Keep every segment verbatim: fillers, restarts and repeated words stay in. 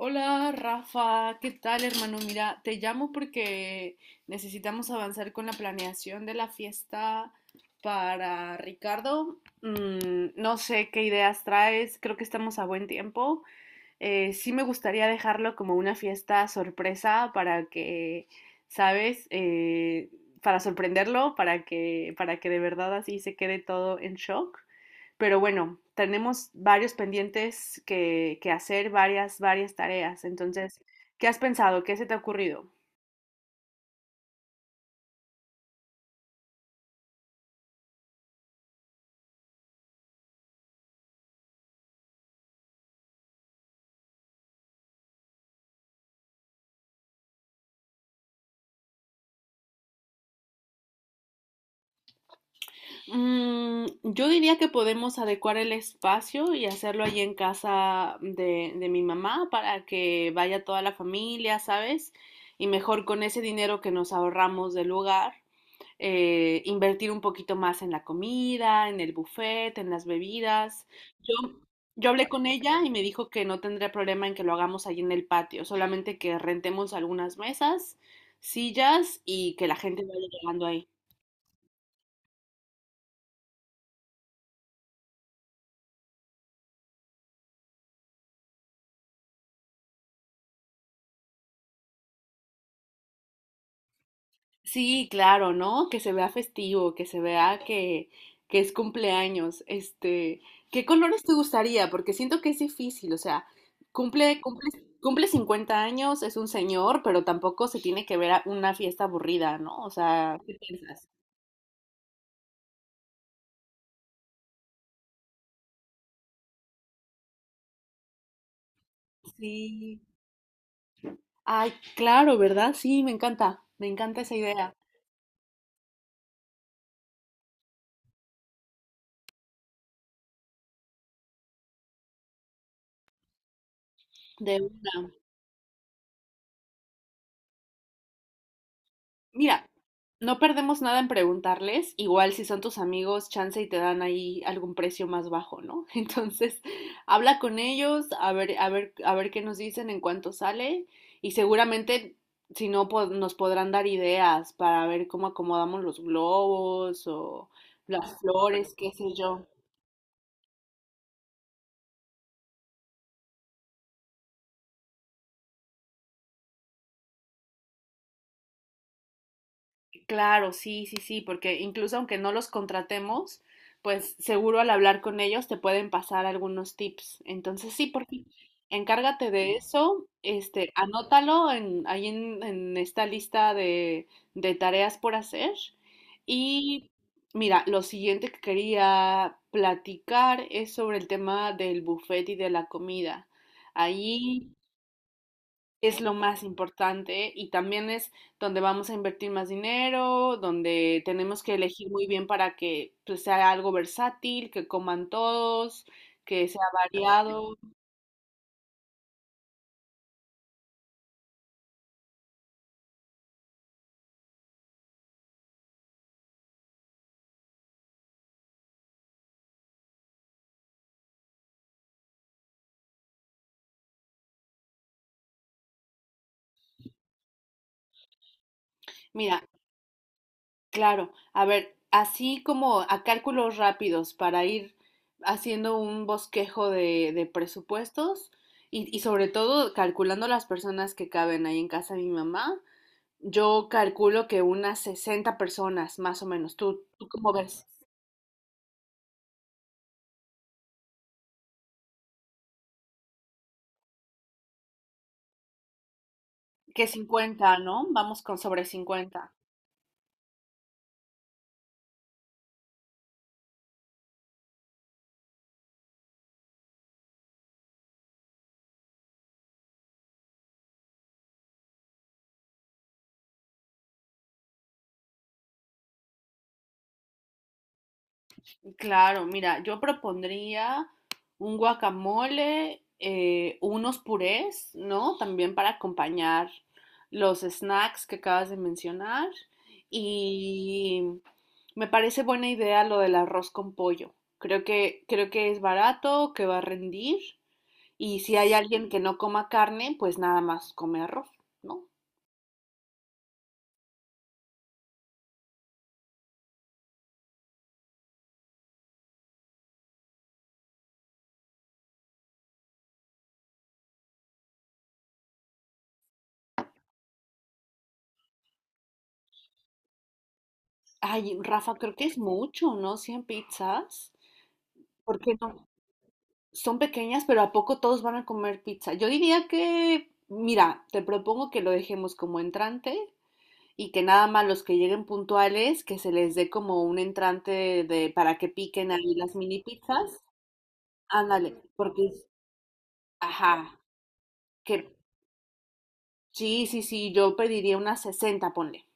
Hola Rafa, ¿qué tal hermano? Mira, te llamo porque necesitamos avanzar con la planeación de la fiesta para Ricardo. Mm, no sé qué ideas traes, creo que estamos a buen tiempo. Eh, sí, me gustaría dejarlo como una fiesta sorpresa para que, ¿sabes? Eh, para sorprenderlo, para que, para que de verdad así se quede todo en shock. Pero bueno, tenemos varios pendientes que, que hacer, varias, varias tareas. Entonces, ¿qué has pensado? ¿Qué se te ha ocurrido? Mm, yo diría que podemos adecuar el espacio y hacerlo allí en casa de, de mi mamá para que vaya toda la familia, ¿sabes? Y mejor con ese dinero que nos ahorramos del lugar, eh, invertir un poquito más en la comida, en el buffet, en las bebidas. Yo, yo hablé con ella y me dijo que no tendría problema en que lo hagamos allí en el patio, solamente que rentemos algunas mesas, sillas y que la gente vaya llegando ahí. Sí, claro, ¿no? Que se vea festivo, que se vea que, que es cumpleaños. Este, ¿qué colores te gustaría? Porque siento que es difícil, o sea, cumple, cumple, cumple cincuenta años, es un señor, pero tampoco se tiene que ver a una fiesta aburrida, ¿no? O sea, ¿qué piensas? Sí. Ay, claro, ¿verdad? Sí, me encanta, me encanta esa idea. Mira, no perdemos nada en preguntarles, igual si son tus amigos, chance y te dan ahí algún precio más bajo, ¿no? Entonces, habla con ellos, a ver, a ver, a ver qué nos dicen en cuánto sale y seguramente si no po- nos podrán dar ideas para ver cómo acomodamos los globos o las flores, qué sé yo. Claro, sí, sí, sí, porque incluso aunque no los contratemos, pues seguro al hablar con ellos te pueden pasar algunos tips. Entonces, sí, por fin, encárgate de eso, este, anótalo en, ahí en, en esta lista de, de tareas por hacer. Y mira, lo siguiente que quería platicar es sobre el tema del buffet y de la comida. Ahí es lo más importante y también es donde vamos a invertir más dinero, donde tenemos que elegir muy bien para que pues, sea algo versátil, que coman todos, que sea variado. Mira, claro, a ver, así como a cálculos rápidos para ir haciendo un bosquejo de, de presupuestos y, y sobre todo calculando las personas que caben ahí en casa de mi mamá, yo calculo que unas sesenta personas más o menos. ¿Tú, tú ¿cómo ves? Que cincuenta ¿no? Vamos con sobre cincuenta. Claro, mira, yo propondría un guacamole, eh, unos purés, ¿no? También para acompañar los snacks que acabas de mencionar. Y me parece buena idea lo del arroz con pollo. Creo que, creo que es barato, que va a rendir. Y si hay alguien que no coma carne, pues nada más come arroz, ¿no? Ay, Rafa, creo que es mucho, ¿no? Cien pizzas. Porque no, son pequeñas, pero ¿a poco todos van a comer pizza? Yo diría que, mira, te propongo que lo dejemos como entrante y que nada más los que lleguen puntuales, que se les dé como un entrante de, para que piquen ahí las mini pizzas. Ándale, porque, es- ajá, que sí, sí, sí, yo pediría unas sesenta, ponle.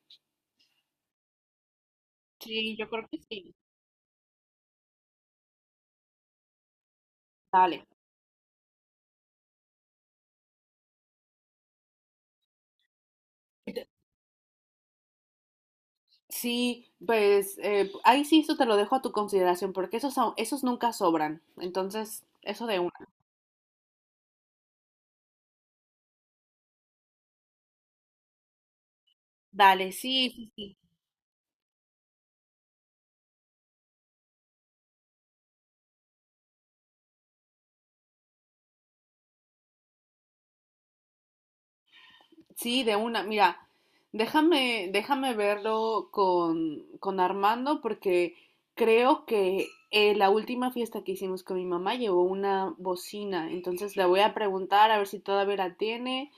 Sí, yo creo que sí. Vale. Ent- Sí, pues eh, ahí sí, eso te lo dejo a tu consideración, porque esos, son- esos nunca sobran. Entonces, eso de una. Vale, sí, sí, sí, sí, de una. Mira, déjame, déjame verlo con, con Armando porque creo que eh, la última fiesta que hicimos con mi mamá llevó una bocina, entonces le voy a preguntar a ver si todavía la tiene,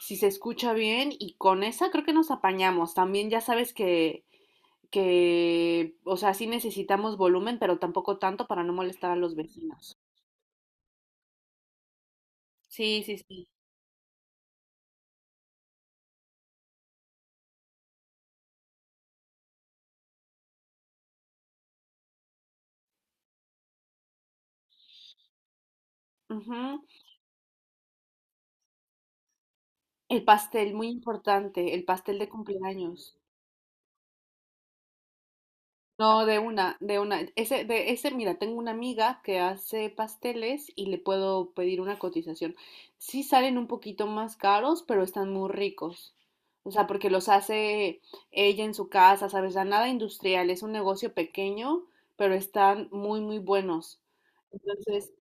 si se escucha bien y con esa creo que nos apañamos. También ya sabes que, que, o sea, sí necesitamos volumen, pero tampoco tanto para no molestar a los vecinos. Sí, sí, sí. Ujú. El pastel, muy importante, el pastel de cumpleaños. No, de una, de una. Ese, de ese, mira, tengo una amiga que hace pasteles y le puedo pedir una cotización. Sí salen un poquito más caros, pero están muy ricos. O sea, porque los hace ella en su casa, ¿sabes? Ya nada industrial, es un negocio pequeño, pero están muy, muy buenos. Entonces,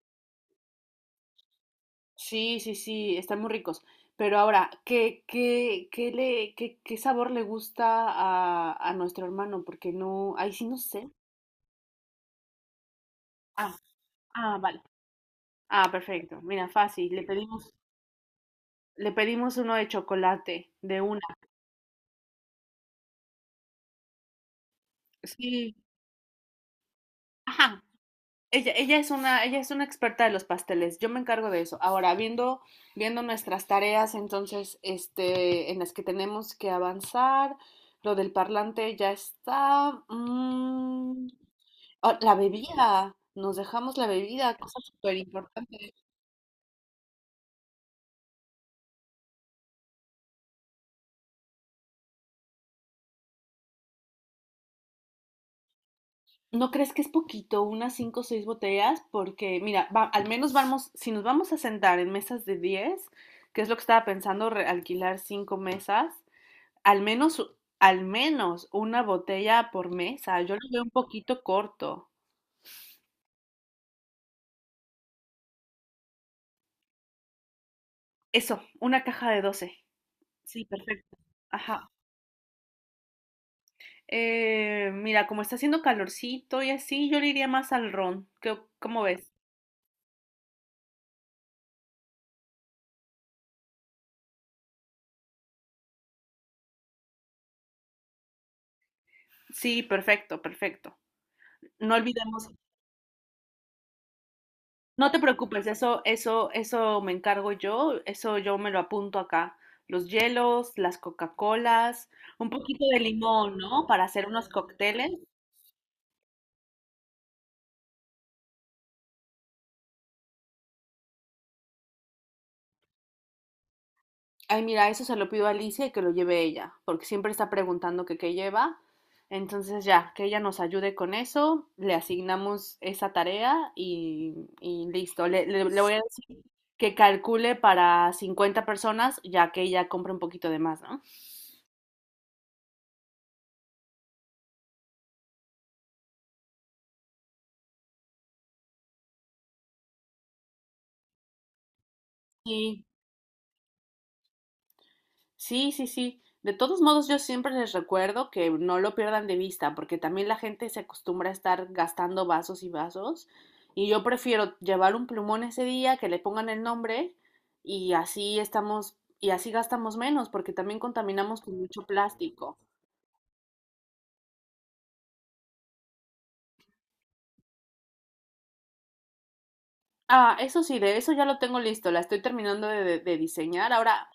sí, sí, sí, están muy ricos. Pero ahora, ¿qué, qué, qué le, qué, qué sabor le gusta a, a nuestro hermano? Porque no, ahí sí no sé. Ah, ah, vale. Ah, perfecto. Mira, fácil. Le pedimos, le pedimos uno de chocolate, de una. Sí. Ajá. Ella, ella es una, ella es una experta de los pasteles. Yo me encargo de eso. Ahora, viendo, viendo nuestras tareas, entonces, este, en las que tenemos que avanzar, lo del parlante ya está. mm, Ah, la bebida, nos dejamos la bebida, cosa súper importante. ¿No crees que es poquito, unas cinco o seis botellas? Porque, mira, va- al menos vamos, si nos vamos a sentar en mesas de diez que es lo que estaba pensando, re- alquilar cinco mesas, al menos, al menos una botella por mesa. Yo lo veo un poquito corto. Eso, una caja de doce. Sí, perfecto. Ajá. Eh, mira, como está haciendo calorcito y así, yo le iría más al ron. ¿Qué- ¿Cómo ves? Sí, perfecto, perfecto. No olvidemos, no te preocupes, eso, eso, eso me encargo yo, eso yo me lo apunto acá. Los hielos, las Coca-Colas, un poquito de limón, ¿no? Para hacer unos cócteles. Ay, mira, eso se lo pido a Alicia y que lo lleve ella, porque siempre está preguntando que qué lleva. Entonces ya, que ella nos ayude con eso, le asignamos esa tarea y, y listo. Le, le- le voy a decir que calcule para cincuenta personas, ya que ella compra un poquito de más, ¿no? Sí, sí, sí, sí. De todos modos, yo siempre les recuerdo que no lo pierdan de vista, porque también la gente se acostumbra a estar gastando vasos y vasos. Y yo prefiero llevar un plumón ese día, que le pongan el nombre, y así estamos, y así gastamos menos, porque también contaminamos con mucho plástico. Ah, eso sí, de eso ya lo tengo listo, la estoy terminando de, de- de diseñar. Ahora,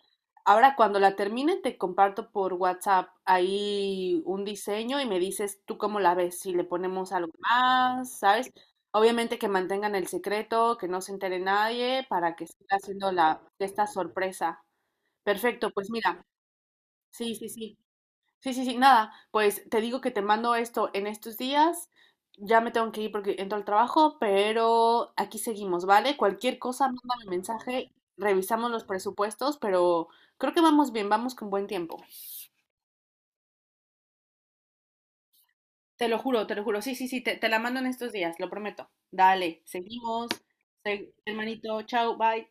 ahora cuando la termine te comparto por WhatsApp ahí un diseño y me dices tú cómo la ves, si le ponemos algo más, ¿sabes? Obviamente que mantengan el secreto, que no se entere nadie para que siga haciendo la, esta sorpresa. Perfecto, pues mira, sí, sí, sí. Sí, sí, sí, nada, pues te digo que te mando esto en estos días. Ya me tengo que ir porque entro al trabajo, pero aquí seguimos, ¿vale? Cualquier cosa, mándame mensaje, revisamos los presupuestos, pero creo que vamos bien, vamos con buen tiempo. Te lo juro, te lo juro. Sí, sí, sí, te, te la mando en estos días, lo prometo. Dale, seguimos. Se- hermanito, chao, bye.